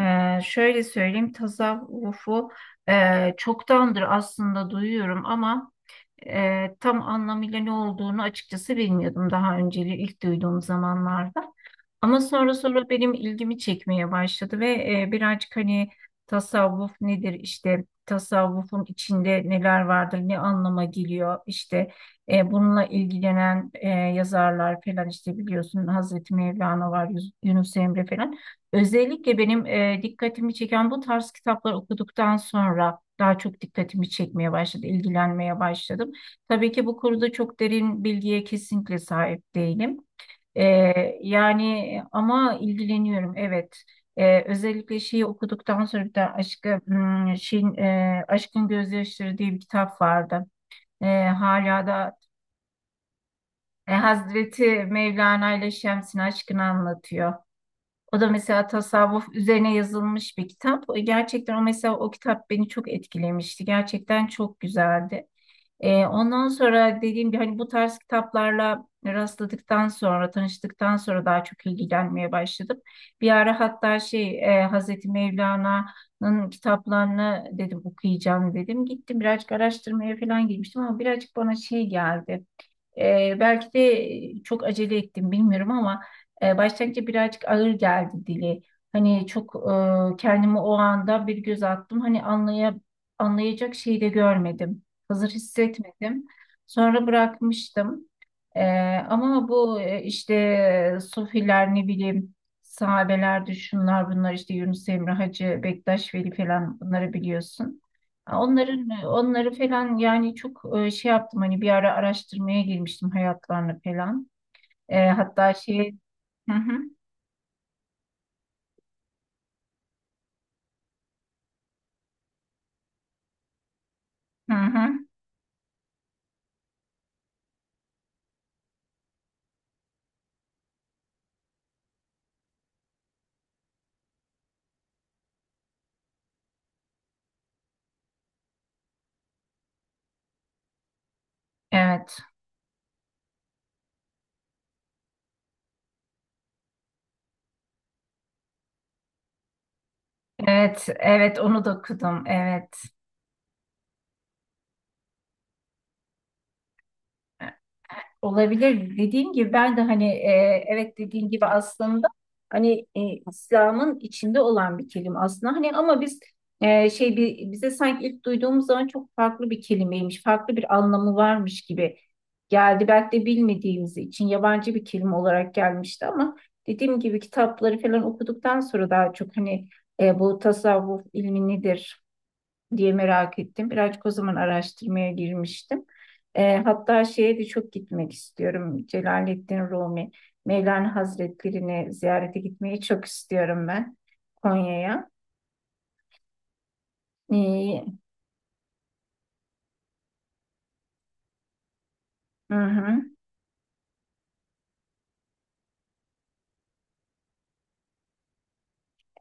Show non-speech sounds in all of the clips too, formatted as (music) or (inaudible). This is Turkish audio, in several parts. Şöyle söyleyeyim tasavvufu çoktandır aslında duyuyorum ama tam anlamıyla ne olduğunu açıkçası bilmiyordum daha önceli ilk duyduğum zamanlarda. Ama sonra benim ilgimi çekmeye başladı ve birazcık hani tasavvuf nedir, işte tasavvufun içinde neler vardır, ne anlama geliyor, işte bununla ilgilenen yazarlar falan, işte biliyorsun Hazreti Mevlana var, Yunus Emre falan. Özellikle benim dikkatimi çeken bu tarz kitaplar okuduktan sonra daha çok dikkatimi çekmeye başladı, ilgilenmeye başladım. Tabii ki bu konuda çok derin bilgiye kesinlikle sahip değilim. Ee, Yani ama ilgileniyorum, evet. Özellikle şeyi okuduktan sonra bir de aşkı şeyin Aşkın Gözyaşları diye bir kitap vardı. Ee, Hala da Hazreti Mevlana ile Şems'in aşkını anlatıyor. O da mesela tasavvuf üzerine yazılmış bir kitap. Gerçekten o mesela o kitap beni çok etkilemişti. Gerçekten çok güzeldi. Ondan sonra dediğim gibi hani bu tarz kitaplarla rastladıktan sonra, tanıştıktan sonra daha çok ilgilenmeye başladım. Bir ara hatta şey Hazreti Mevlana'nın kitaplarını dedim okuyacağım dedim. Gittim birazcık araştırmaya falan girmiştim ama birazcık bana şey geldi. Belki de çok acele ettim bilmiyorum ama başlangıçta birazcık ağır geldi dili. Hani çok kendimi o anda bir göz attım. Hani anlayacak şeyi de görmedim. Hazır hissetmedim. Sonra bırakmıştım. E, Ama bu işte Sofiler ne bileyim, sahabelerdi, şunlar bunlar, işte Yunus Emre, Hacı Bektaş Veli falan, bunları biliyorsun. Onları falan yani çok şey yaptım, hani bir ara araştırmaya girmiştim hayatlarını falan. Hatta şey, hı hı, hı hı, evet, evet, evet, onu da okudum, evet. Olabilir. Dediğim gibi ben de hani evet, dediğim gibi aslında hani İslam'ın içinde olan bir kelime aslında. Hani ama biz şey bize sanki ilk duyduğumuz zaman çok farklı bir kelimeymiş, farklı bir anlamı varmış gibi geldi. Belki de bilmediğimiz için yabancı bir kelime olarak gelmişti ama dediğim gibi kitapları falan okuduktan sonra daha çok hani bu tasavvuf ilmi nedir diye merak ettim. Birazcık o zaman araştırmaya girmiştim. Hatta şeye de çok gitmek istiyorum. Celaleddin Rumi, Mevlana Hazretleri'ni ziyarete gitmeyi çok istiyorum ben, Konya'ya. E, hı hı,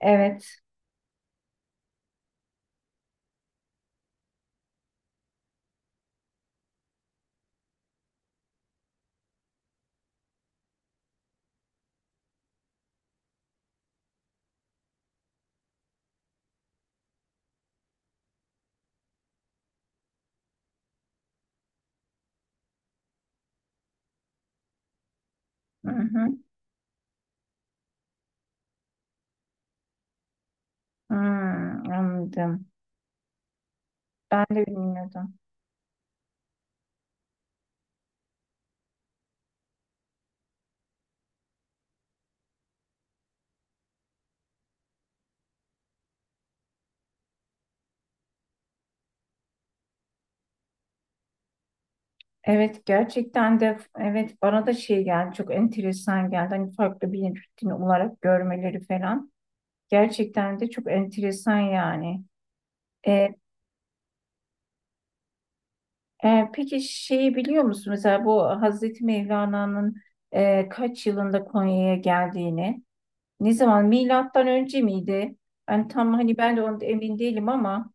evet. Hı hı. Hı, anladım. Ben de bilmiyordum. Evet, gerçekten de evet, bana da şey geldi, çok enteresan geldi, hani farklı bir rutin olarak görmeleri falan gerçekten de çok enteresan yani. E, peki şeyi biliyor musun? Mesela bu Hazreti Mevlana'nın kaç yılında Konya'ya geldiğini, ne zaman? Milattan önce miydi? Ben tam hani ben de onu emin değilim ama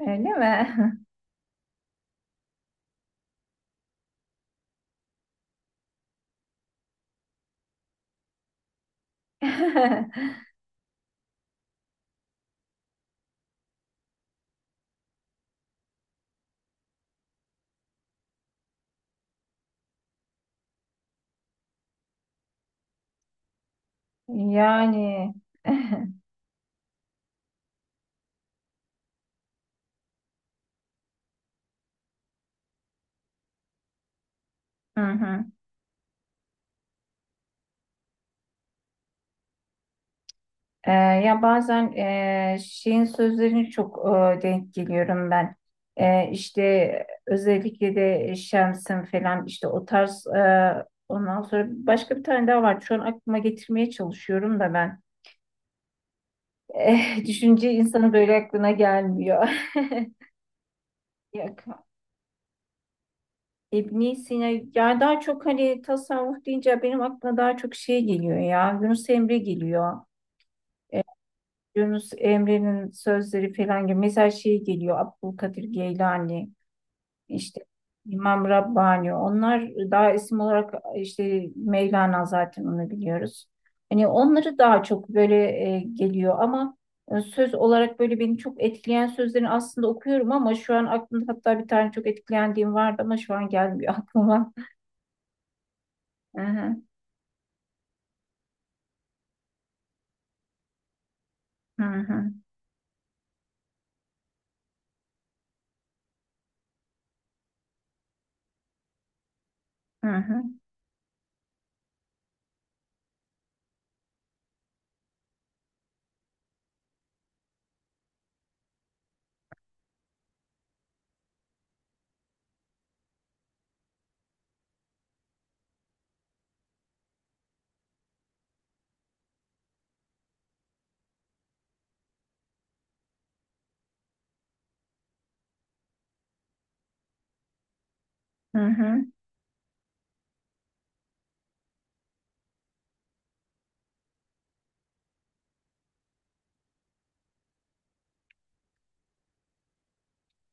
öyle mi? (laughs) Yani. (laughs) Hı hı. Ya bazen şeyin sözlerini çok denk geliyorum ben. İşte özellikle de Şems'in falan, işte o tarz ondan sonra başka bir tane daha var. Şu an aklıma getirmeye çalışıyorum da ben. (laughs) Düşünce insanın böyle aklına gelmiyor. (laughs) Yok. İbn Sina, ya daha çok hani tasavvuf deyince benim aklıma daha çok şey geliyor ya. Yunus Emre geliyor. E, Yunus Emre'nin sözleri falan gibi. Mesela şey geliyor: Abdülkadir Geylani, işte İmam Rabbani. Onlar daha isim olarak, işte Mevlana zaten onu biliyoruz. Hani onları daha çok böyle geliyor ama söz olarak böyle beni çok etkileyen sözlerini aslında okuyorum ama şu an aklımda, hatta bir tane çok etkilendiğim vardı ama şu an gelmiyor aklıma. (laughs) Hı hı, hı hı, hı hı, hı hı.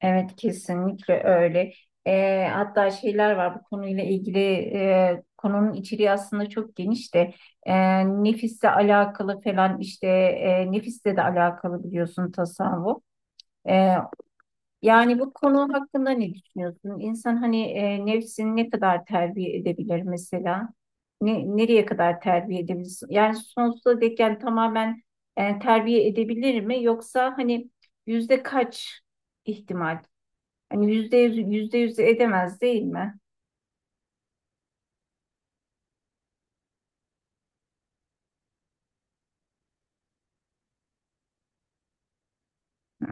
Evet, kesinlikle öyle. Hatta şeyler var bu konuyla ilgili, konunun içeriği aslında çok geniş de e, nefisle alakalı falan, işte nefisle de alakalı biliyorsun tasavvuf. E, Yani bu konu hakkında ne düşünüyorsun? İnsan hani nefsini ne kadar terbiye edebilir mesela? Nereye kadar terbiye edebilir? Yani sonsuza dek, yani tamamen terbiye edebilir mi? Yoksa hani yüzde kaç ihtimal? Hani yüzde yüz edemez değil mi?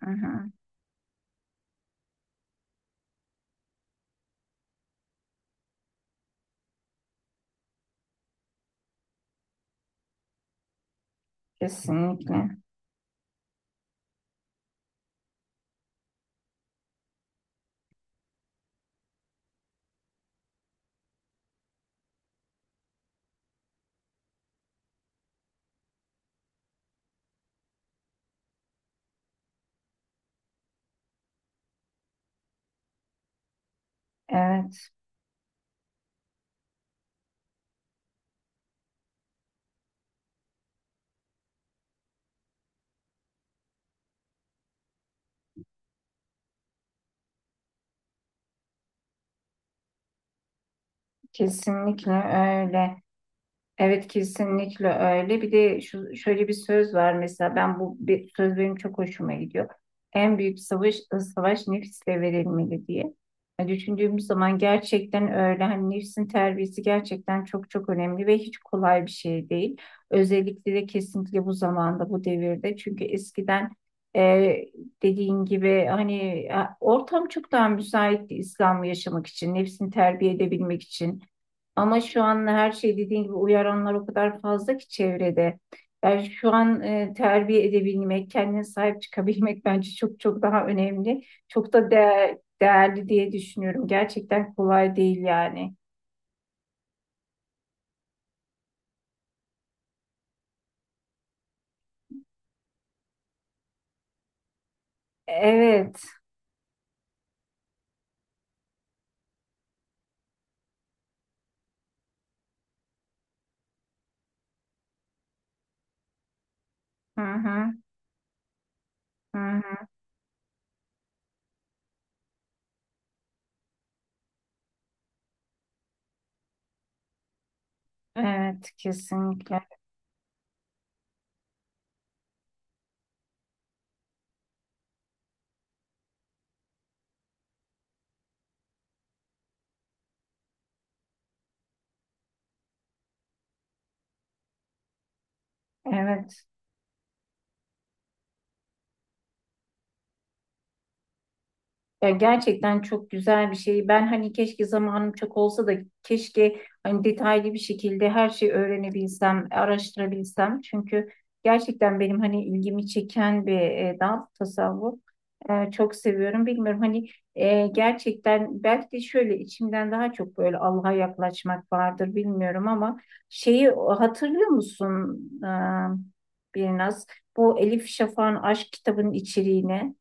Hı hı, kesinlikle. Evet, kesinlikle öyle. Evet, kesinlikle öyle. Bir de şöyle bir söz var mesela, ben bu söz benim çok hoşuma gidiyor. En büyük savaş nefisle verilmeli diye. Yani düşündüğümüz zaman gerçekten öyle. Hani nefsin terbiyesi gerçekten çok çok önemli ve hiç kolay bir şey değil. Özellikle de kesinlikle bu zamanda, bu devirde. Çünkü eskiden e, dediğin gibi hani ortam çok daha müsaitti İslam'ı yaşamak için, nefsini terbiye edebilmek için. Ama şu an her şey dediğin gibi, uyaranlar o kadar fazla ki çevrede. Yani şu an terbiye edebilmek, kendine sahip çıkabilmek (laughs) bence çok çok daha önemli. Çok da değerli diye düşünüyorum. Gerçekten kolay değil yani. Evet. Hı hı, hı hı. Evet, kesinlikle. Evet. Ya gerçekten çok güzel bir şey. Ben hani keşke zamanım çok olsa da keşke hani detaylı bir şekilde her şeyi öğrenebilsem, araştırabilsem. Çünkü gerçekten benim hani ilgimi çeken bir dal tasavvuf. Çok seviyorum. Bilmiyorum hani gerçekten belki de şöyle içimden daha çok böyle Allah'a yaklaşmak vardır, bilmiyorum ama şeyi hatırlıyor musun Birnaz? Bu Elif Şafak'ın aşk kitabının içeriğini.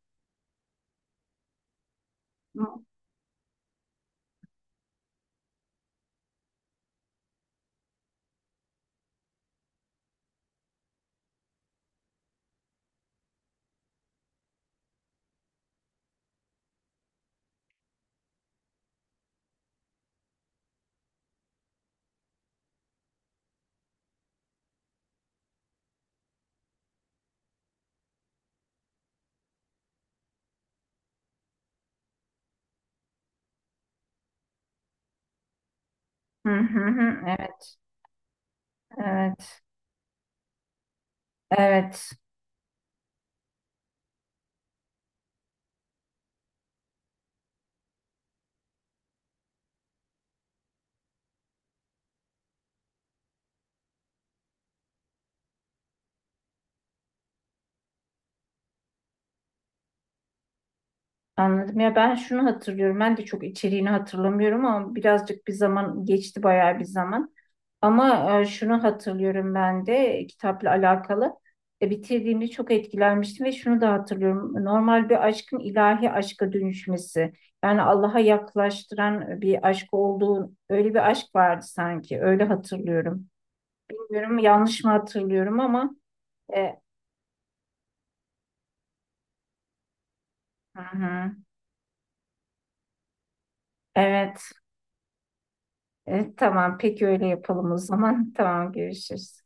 Hı hı hı. Evet. Evet, evet. Anladım. Ya ben şunu hatırlıyorum. Ben de çok içeriğini hatırlamıyorum ama birazcık bir zaman geçti, bayağı bir zaman. Ama şunu hatırlıyorum ben de kitapla alakalı. Bitirdiğimde çok etkilenmiştim ve şunu da hatırlıyorum. Normal bir aşkın ilahi aşka dönüşmesi. Yani Allah'a yaklaştıran bir aşk olduğu, öyle bir aşk vardı sanki. Öyle hatırlıyorum. Bilmiyorum yanlış mı hatırlıyorum ama e, hı hı. Evet. Evet, tamam. Peki öyle yapalım o zaman. (laughs) Tamam, görüşürüz.